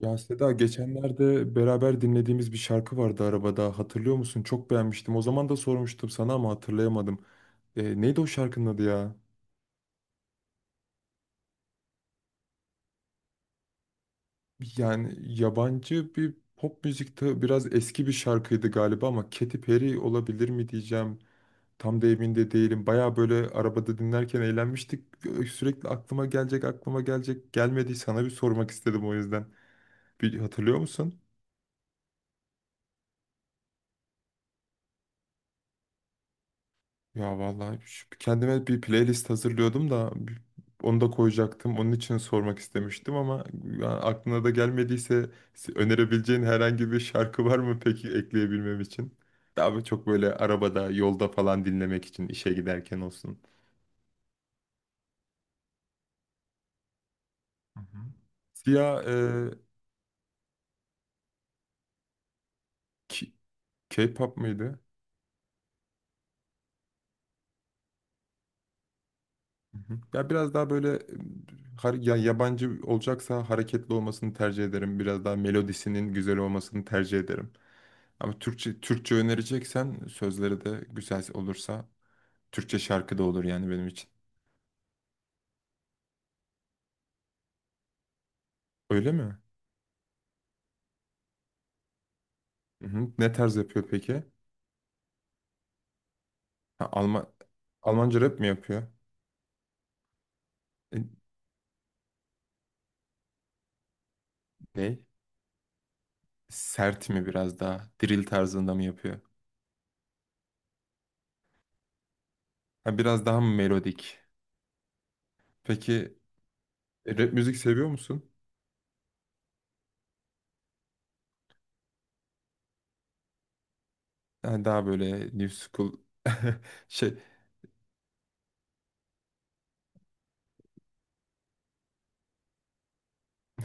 Ya Seda geçenlerde beraber dinlediğimiz bir şarkı vardı arabada, hatırlıyor musun? Çok beğenmiştim. O zaman da sormuştum sana ama hatırlayamadım. Neydi o şarkının adı ya? Yani yabancı bir pop müzikte biraz eski bir şarkıydı galiba, ama Katy Perry olabilir mi diyeceğim. Tam da emin de değilim. Baya böyle arabada dinlerken eğlenmiştik. Sürekli aklıma gelecek aklıma gelecek gelmedi. Sana bir sormak istedim o yüzden. Bir hatırlıyor musun? Ya vallahi, kendime bir playlist hazırlıyordum da onu da koyacaktım. Onun için sormak istemiştim ama, ya aklına da gelmediyse, önerebileceğin herhangi bir şarkı var mı peki ekleyebilmem için? Daha çok böyle arabada, yolda falan dinlemek için, işe giderken olsun. Hı hı. Siyah K- K-pop mıydı? Hı hı. Ya biraz daha böyle ya yabancı olacaksa hareketli olmasını tercih ederim. Biraz daha melodisinin güzel olmasını tercih ederim. Ama Türkçe, Türkçe önereceksen sözleri de güzel olursa Türkçe şarkı da olur yani benim için. Öyle mi? Hı hı. Ne tarz yapıyor peki? Ha, Almanca rap mi yapıyor? E, Ne? Sert mi biraz daha? Drill tarzında mı yapıyor? Ha, biraz daha mı melodik? Peki rap müzik seviyor musun? Ha, daha böyle new school şey.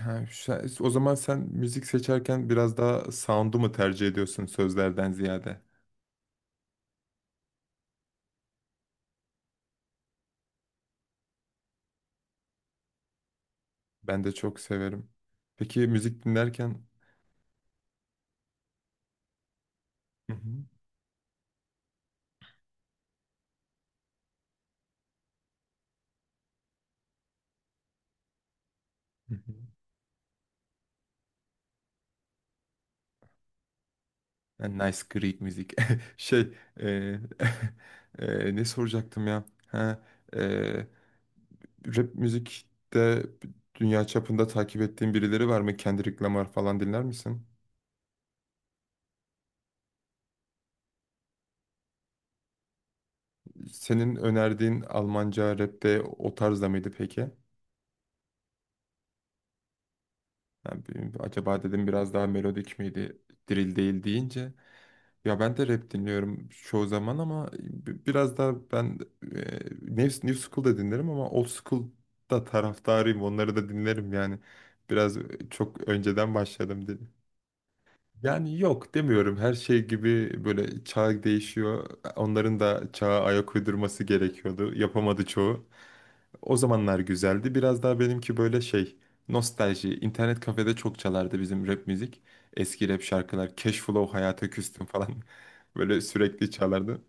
Ha, o zaman sen müzik seçerken biraz daha sound'u mu tercih ediyorsun sözlerden ziyade? Ben de çok severim. Peki müzik dinlerken. Hı hı, hı hı. Yani nice Greek müzik. Şey, e, ne soracaktım ya? Ha, e, rap müzikte dünya çapında takip ettiğin birileri var mı? Kendrick Lamar falan dinler misin? Senin önerdiğin Almanca rapte o tarzda mıydı peki? Yani, acaba dedim biraz daha melodik miydi? Drill değil deyince, ya ben de rap dinliyorum çoğu zaman, ama biraz daha ben New School'da dinlerim, ama Old School'da taraftarıyım. Onları da dinlerim yani. Biraz çok önceden başladım. Yani yok demiyorum, her şey gibi böyle çağ değişiyor. Onların da çağa ayak uydurması gerekiyordu. Yapamadı çoğu. O zamanlar güzeldi. Biraz daha benimki böyle şey, nostalji. İnternet kafede çok çalardı bizim rap müzik. Eski rap şarkılar. Cashflow, Hayata Küstüm falan böyle sürekli çalardı.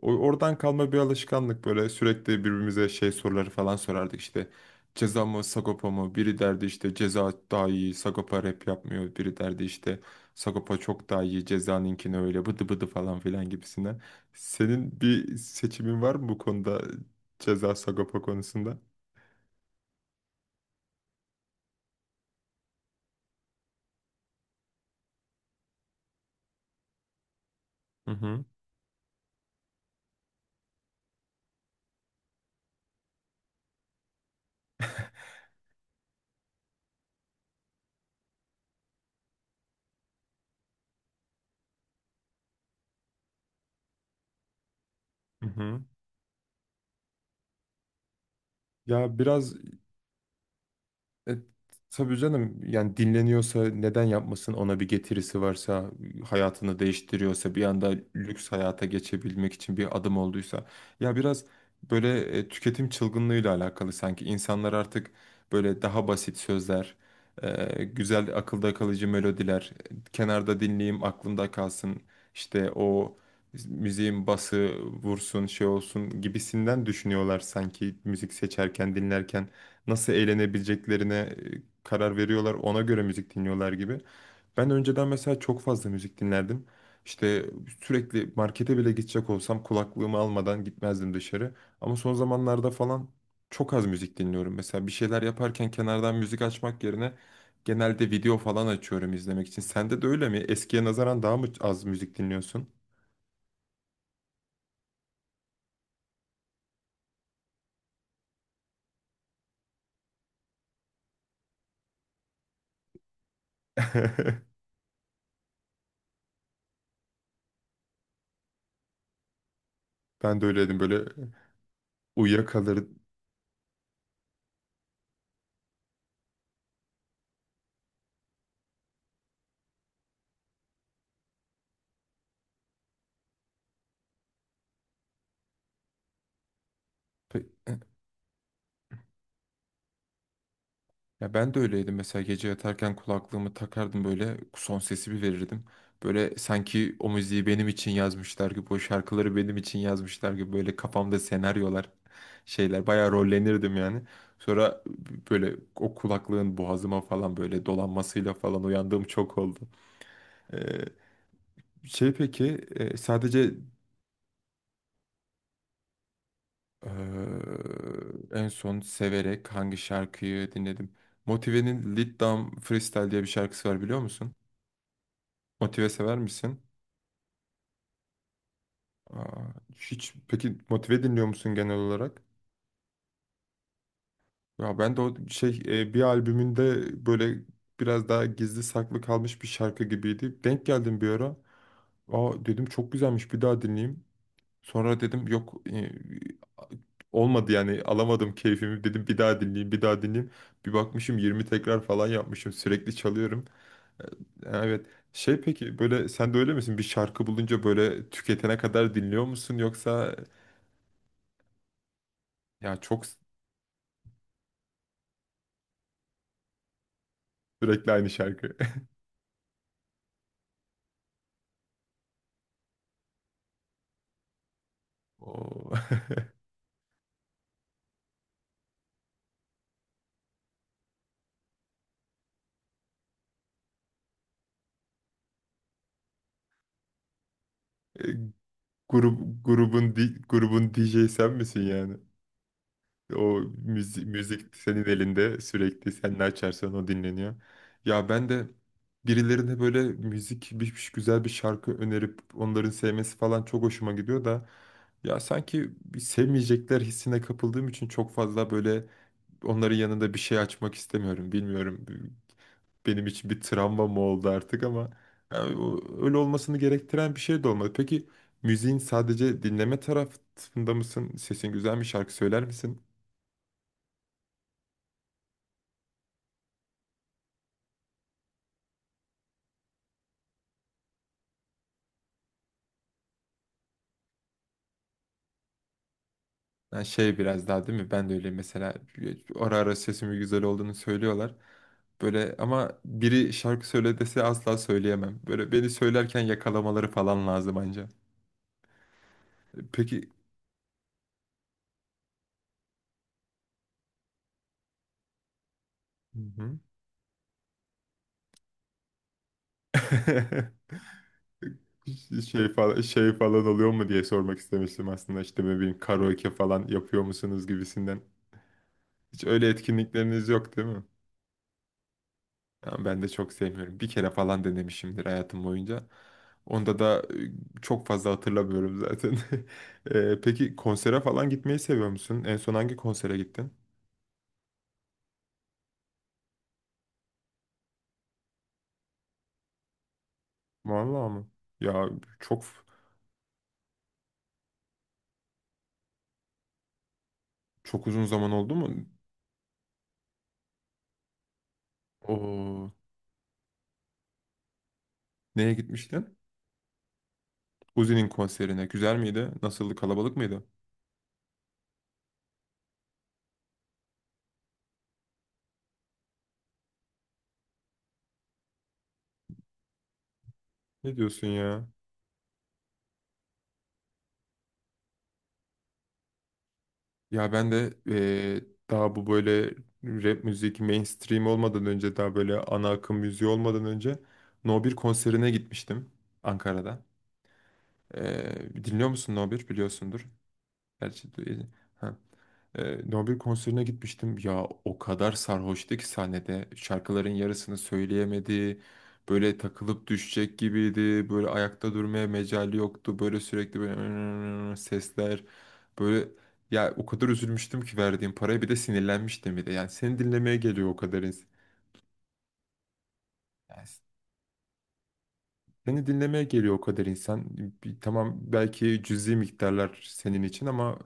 Oradan kalma bir alışkanlık, böyle sürekli birbirimize şey soruları falan sorardık işte. Ceza mı Sagopa mı, biri derdi işte ceza daha iyi, Sagopa rap yapmıyor, biri derdi işte Sagopa çok daha iyi, cezanınkini öyle bıdı bıdı falan filan gibisinden. Senin bir seçimin var mı bu konuda, ceza Sagopa konusunda? Hı hı. Hı hı. Ya biraz. E, tabii canım, yani dinleniyorsa neden yapmasın, ona bir getirisi varsa, hayatını değiştiriyorsa, bir anda lüks hayata geçebilmek için bir adım olduysa. Ya biraz böyle tüketim çılgınlığıyla alakalı sanki insanlar artık böyle daha basit sözler, güzel akılda kalıcı melodiler, kenarda dinleyeyim aklımda kalsın işte o müziğin bası vursun şey olsun gibisinden düşünüyorlar, sanki müzik seçerken dinlerken nasıl eğlenebileceklerine karar veriyorlar. Ona göre müzik dinliyorlar gibi. Ben önceden mesela çok fazla müzik dinlerdim. İşte sürekli markete bile gidecek olsam kulaklığımı almadan gitmezdim dışarı. Ama son zamanlarda falan çok az müzik dinliyorum. Mesela bir şeyler yaparken kenardan müzik açmak yerine genelde video falan açıyorum izlemek için. Sende de öyle mi? Eskiye nazaran daha mı az müzik dinliyorsun? Ben de öyleydim böyle, uyuyakalır. Ya ben de öyleydim, mesela gece yatarken kulaklığımı takardım, böyle son sesi bir verirdim. Böyle sanki o müziği benim için yazmışlar gibi, o şarkıları benim için yazmışlar gibi, böyle kafamda senaryolar, şeyler, bayağı rollenirdim yani. Sonra böyle o kulaklığın boğazıma falan böyle dolanmasıyla falan uyandığım çok oldu. Ee, Şey peki sadece e, en son severek hangi şarkıyı dinledim? Motive'nin Lead Down Freestyle diye bir şarkısı var, biliyor musun? Motive sever misin? Aa, hiç peki motive dinliyor musun genel olarak? Ya ben de o şey bir albümünde böyle biraz daha gizli saklı kalmış bir şarkı gibiydi. Denk geldim bir ara. Aa, dedim çok güzelmiş, bir daha dinleyeyim. Sonra dedim yok, olmadı yani, alamadım keyfimi, dedim bir daha dinleyeyim, bir daha dinleyeyim. Bir bakmışım 20 tekrar falan yapmışım, sürekli çalıyorum. E, Evet. Şey peki böyle sen de öyle misin? Bir şarkı bulunca böyle tüketene kadar dinliyor musun yoksa? Ya çok, sürekli aynı şarkı. O E, grup grubun DJ sen misin yani? O müzik, müzik senin elinde, sürekli sen ne açarsan o dinleniyor. Ya ben de birilerine böyle müzik, güzel bir şarkı önerip onların sevmesi falan çok hoşuma gidiyor da, ya sanki bir sevmeyecekler hissine kapıldığım için çok fazla böyle onların yanında bir şey açmak istemiyorum. Bilmiyorum, benim için bir travma mı oldu artık, ama yani öyle olmasını gerektiren bir şey de olmadı. Peki müziğin sadece dinleme tarafında mısın? Sesin güzel mi? Şarkı söyler misin? Yani şey biraz daha, değil mi? Ben de öyle mesela, ara ara sesimin güzel olduğunu söylüyorlar. Böyle, ama biri şarkı söyle dese asla söyleyemem. Böyle beni söylerken yakalamaları falan lazım anca. Peki. Hı hı. Şey falan, şey falan oluyor mu diye sormak istemiştim aslında, işte ne bileyim, karaoke falan yapıyor musunuz gibisinden. Hiç öyle etkinlikleriniz yok değil mi? Ya ben de çok sevmiyorum. Bir kere falan denemişimdir hayatım boyunca. Onda da çok fazla hatırlamıyorum zaten. Peki konsere falan gitmeyi seviyor musun? En son hangi konsere gittin? Vallahi mı? Ya çok, çok uzun zaman oldu mu? Oo, neye gitmiştin? Uzi'nin konserine. Güzel miydi? Nasıldı? Kalabalık mıydı? Ne diyorsun ya? Ya ben de daha bu böyle rap müzik mainstream olmadan önce, daha böyle ana akım müziği olmadan önce, No 1 konserine gitmiştim Ankara'da. Dinliyor musun, No 1 biliyorsundur. Gerçi du- e, ha. Nobel konserine gitmiştim. Ya o kadar sarhoştu ki sahnede. Şarkıların yarısını söyleyemedi. Böyle takılıp düşecek gibiydi. Böyle ayakta durmaya mecali yoktu. Böyle sürekli böyle sesler. Böyle ya o kadar üzülmüştüm ki verdiğim paraya, bir de sinirlenmiştim bir de. Yani seni dinlemeye geliyor o kadar insan. Seni dinlemeye geliyor o kadar insan. Tamam belki cüzi miktarlar senin için, ama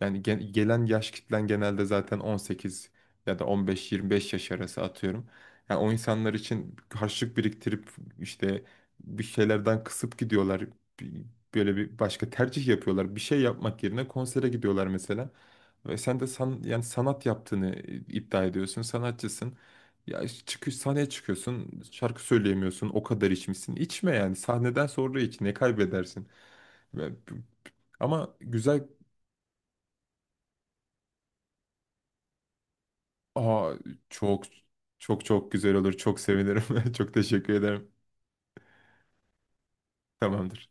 yani gelen yaş kitlen genelde zaten 18 ya da 15-25 yaş arası atıyorum. Yani o insanlar için harçlık biriktirip işte bir şeylerden kısıp gidiyorlar. Bir- Böyle bir başka tercih yapıyorlar. Bir şey yapmak yerine konsere gidiyorlar mesela. Ve sen de yani sanat yaptığını iddia ediyorsun, sanatçısın. Ya çıkış sahneye çıkıyorsun, şarkı söyleyemiyorsun, o kadar içmişsin. İçme yani. Sahneden sonra iç, ne kaybedersin? Ve- Ama güzel, aa, çok çok çok güzel olur. Çok sevinirim. Çok teşekkür ederim. Tamamdır.